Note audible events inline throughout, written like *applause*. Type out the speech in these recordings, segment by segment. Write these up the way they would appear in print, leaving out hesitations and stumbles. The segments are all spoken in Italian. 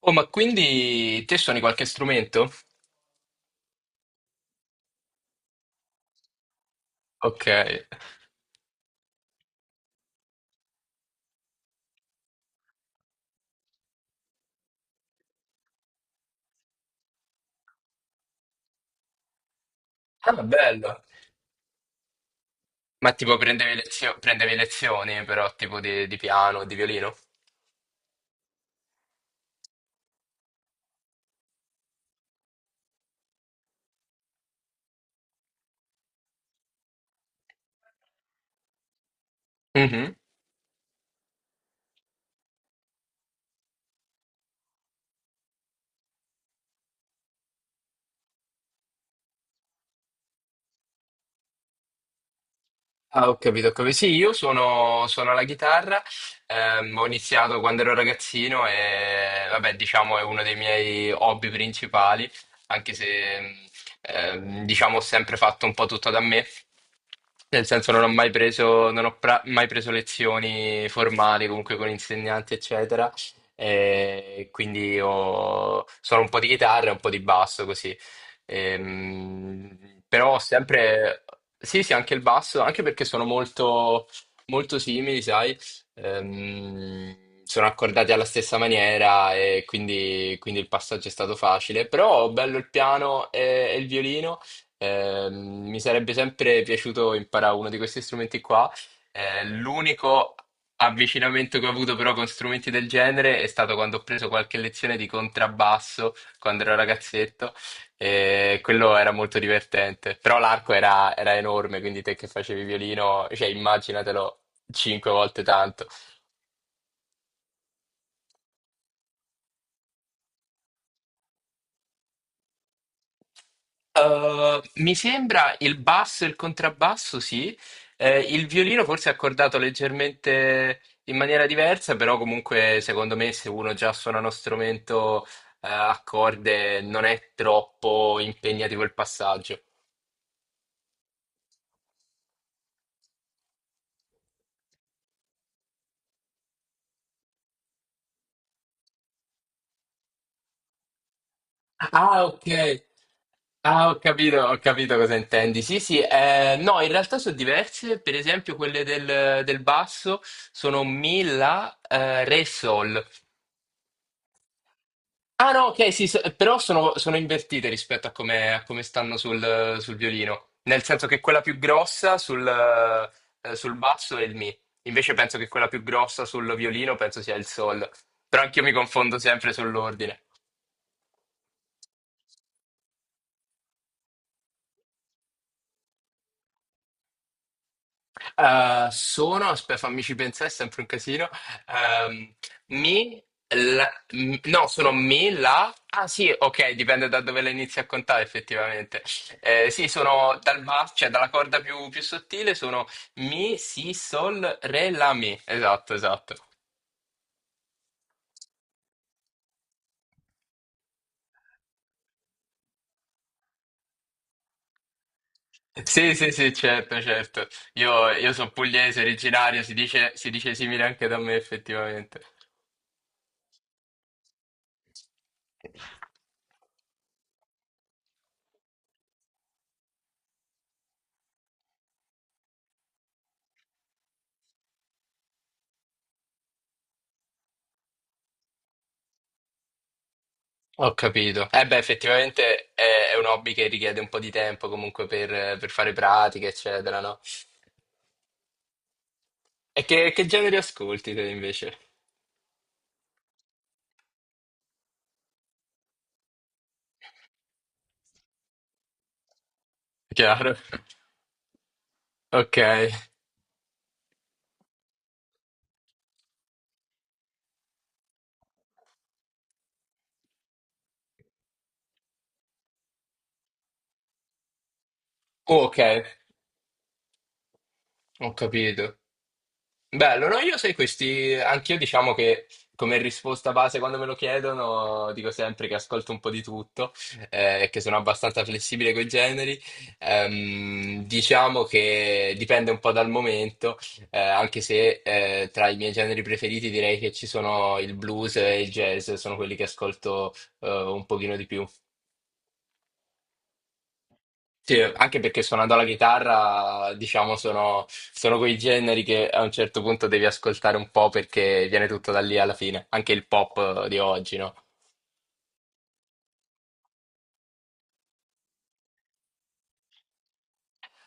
Oh, ma quindi te suoni qualche strumento? Ok. Ah, bello. Ma tipo prendevi lezioni però tipo di piano, di violino? Mhm. Ah, ho capito, ho capito. Sì, io suono la chitarra, ho iniziato quando ero ragazzino e vabbè, diciamo è uno dei miei hobby principali, anche se diciamo ho sempre fatto un po' tutto da me, nel senso non ho mai preso, non ho pra- mai preso lezioni formali comunque con insegnanti, eccetera, e quindi suono un po' di chitarra e un po' di basso così. Però sempre, sì, sì, anche il basso, anche perché sono molto, molto simili, sai. Sono accordati alla stessa maniera e quindi il passaggio è stato facile, però bello il piano e il violino. Mi sarebbe sempre piaciuto imparare uno di questi strumenti qua. L'unico avvicinamento che ho avuto però con strumenti del genere è stato quando ho preso qualche lezione di contrabbasso quando ero ragazzetto e quello era molto divertente. Però l'arco era enorme, quindi te che facevi violino, cioè immaginatelo cinque volte tanto. Mi sembra il basso e il contrabbasso, sì. Il violino forse è accordato leggermente in maniera diversa, però comunque secondo me se uno già suona uno strumento a corde non è troppo impegnativo il passaggio. Ah, ok. Ah, ho capito cosa intendi. Sì, sì, no, in realtà sono diverse. Per esempio, quelle del basso sono Mi, La, Re, Sol. Ah, no, ok, sì, però sono invertite rispetto a come stanno sul violino. Nel senso che quella più grossa sul basso è il Mi. Invece penso che quella più grossa sul violino penso sia il Sol. Però anch'io mi confondo sempre sull'ordine. Sono, aspetta, fammici pensare, è sempre un casino. Ehm, mi, no, sono mi, la. Ah sì, ok, dipende da dove la inizi a contare effettivamente. Sì, sono cioè dalla corda più sottile, sono mi, si, sol, re, la, mi. Esatto, esatto. Sì, sì, sì, certo, certo. Io sono pugliese, originario, si dice simile anche da me effettivamente. Ho capito. Eh beh, effettivamente è un hobby che richiede un po' di tempo comunque per fare pratiche, eccetera, no? E che genere ascolti te invece? Chiaro. *laughs* Ok. Oh, ok, ho capito. Bello, no? Io sai questi, anch'io diciamo che come risposta base quando me lo chiedono dico sempre che ascolto un po' di tutto e che sono abbastanza flessibile con i generi. Diciamo che dipende un po' dal momento, anche se tra i miei generi preferiti direi che ci sono il blues e il jazz, sono quelli che ascolto un pochino di più. Sì, anche perché suonando la chitarra, diciamo, sono quei generi che a un certo punto devi ascoltare un po' perché viene tutto da lì alla fine, anche il pop di oggi, no?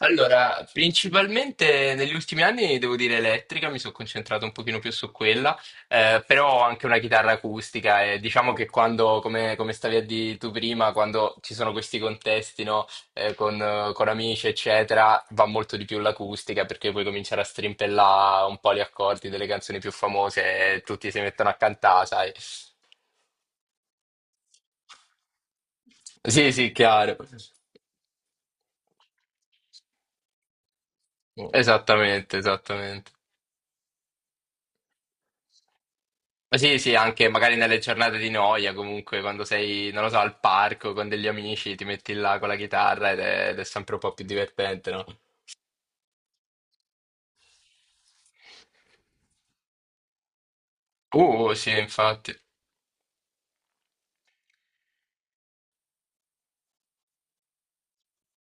Allora, principalmente negli ultimi anni devo dire elettrica, mi sono concentrato un pochino più su quella, però ho anche una chitarra acustica e diciamo che quando, come stavi a dire tu prima, quando ci sono questi contesti, no, con amici, eccetera, va molto di più l'acustica perché puoi cominciare a strimpellare un po' gli accordi delle canzoni più famose e tutti si mettono a cantare, sai? Sì, sì, chiaro. Esattamente, esattamente. Sì, sì, anche magari nelle giornate di noia, comunque quando sei, non lo so, al parco con degli amici, ti metti là con la chitarra ed è sempre un po' più divertente, no? Sì, infatti.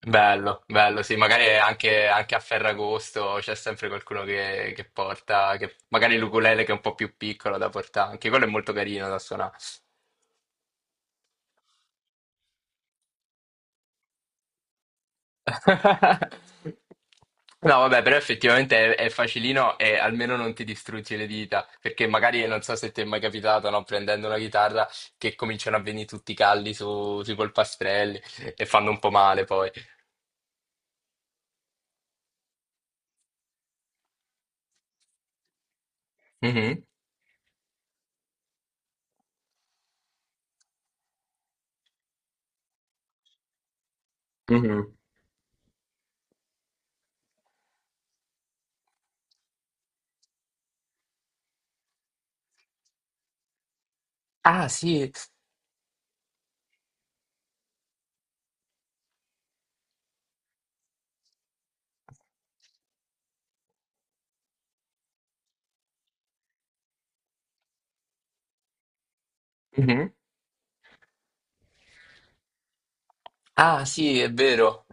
Bello, bello, sì, magari anche a Ferragosto c'è sempre qualcuno che porta, magari l'ukulele che è un po' più piccolo da portare, anche quello è molto carino da suonare. *laughs* No, vabbè, però effettivamente è facilino e almeno non ti distruggi le dita, perché magari non so se ti è mai capitato, no, prendendo una chitarra che cominciano a venire tutti i calli sui polpastrelli e fanno un po' male poi. Mhm. Mhm. Ah, sì. Mhm. Ah, sì, è vero.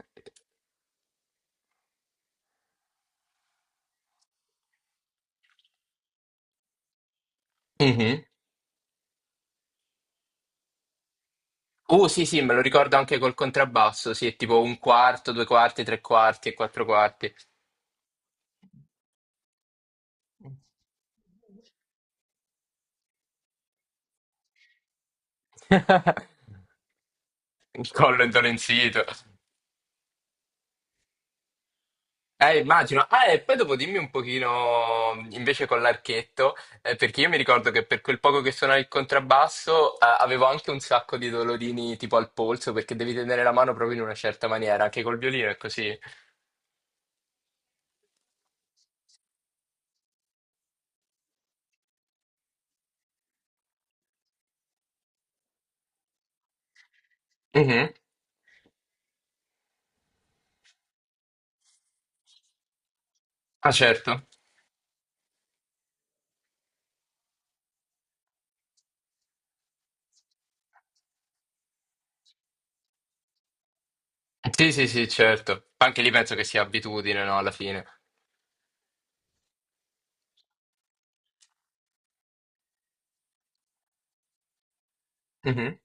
Mhm. Sì, sì, me lo ricordo anche col contrabbasso, sì, è tipo un quarto, due quarti, tre quarti e quattro quarti. *laughs* *laughs* Il collo indolenzito. Immagino. Ah, e poi dopo dimmi un pochino invece con l'archetto, perché io mi ricordo che per quel poco che suonavo il contrabbasso, avevo anche un sacco di dolorini tipo al polso, perché devi tenere la mano proprio in una certa maniera, anche col violino è così. Mhm. Ah, certo. Sì, sì, sì, certo. Anche lì penso che sia abitudine, no, alla fine. Mhm.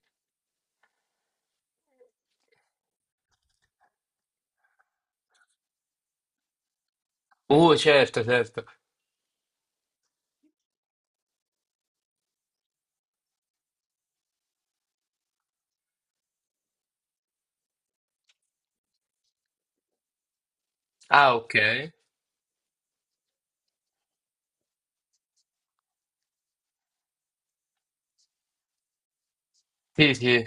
Certo, certo. Ah, ok. Sì, sì.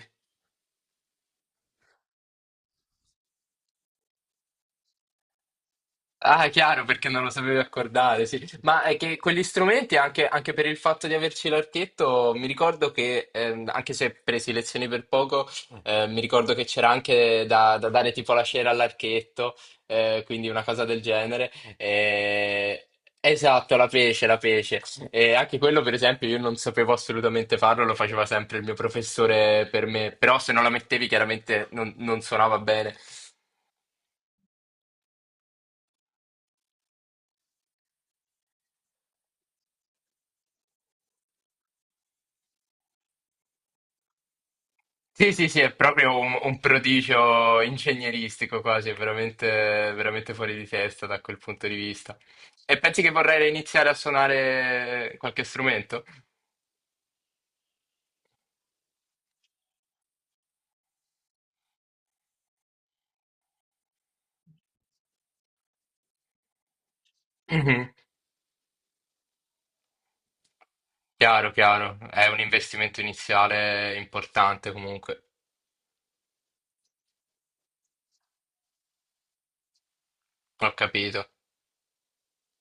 Ah, chiaro, perché non lo sapevi accordare, sì. Ma è che quegli strumenti, anche, anche per il fatto di averci l'archetto, mi ricordo che, anche se presi lezioni per poco, mi ricordo che c'era anche da dare tipo la cera all'archetto, quindi una cosa del genere. Esatto, la pece, la pece. E anche quello, per esempio, io non sapevo assolutamente farlo, lo faceva sempre il mio professore per me, però se non la mettevi chiaramente non suonava bene. Sì, sì, sì, è proprio un prodigio ingegneristico quasi, è veramente, veramente fuori di testa da quel punto di vista. E pensi che vorrei iniziare a suonare qualche strumento? Mhm. Chiaro, chiaro, è un investimento iniziale importante comunque, ho capito.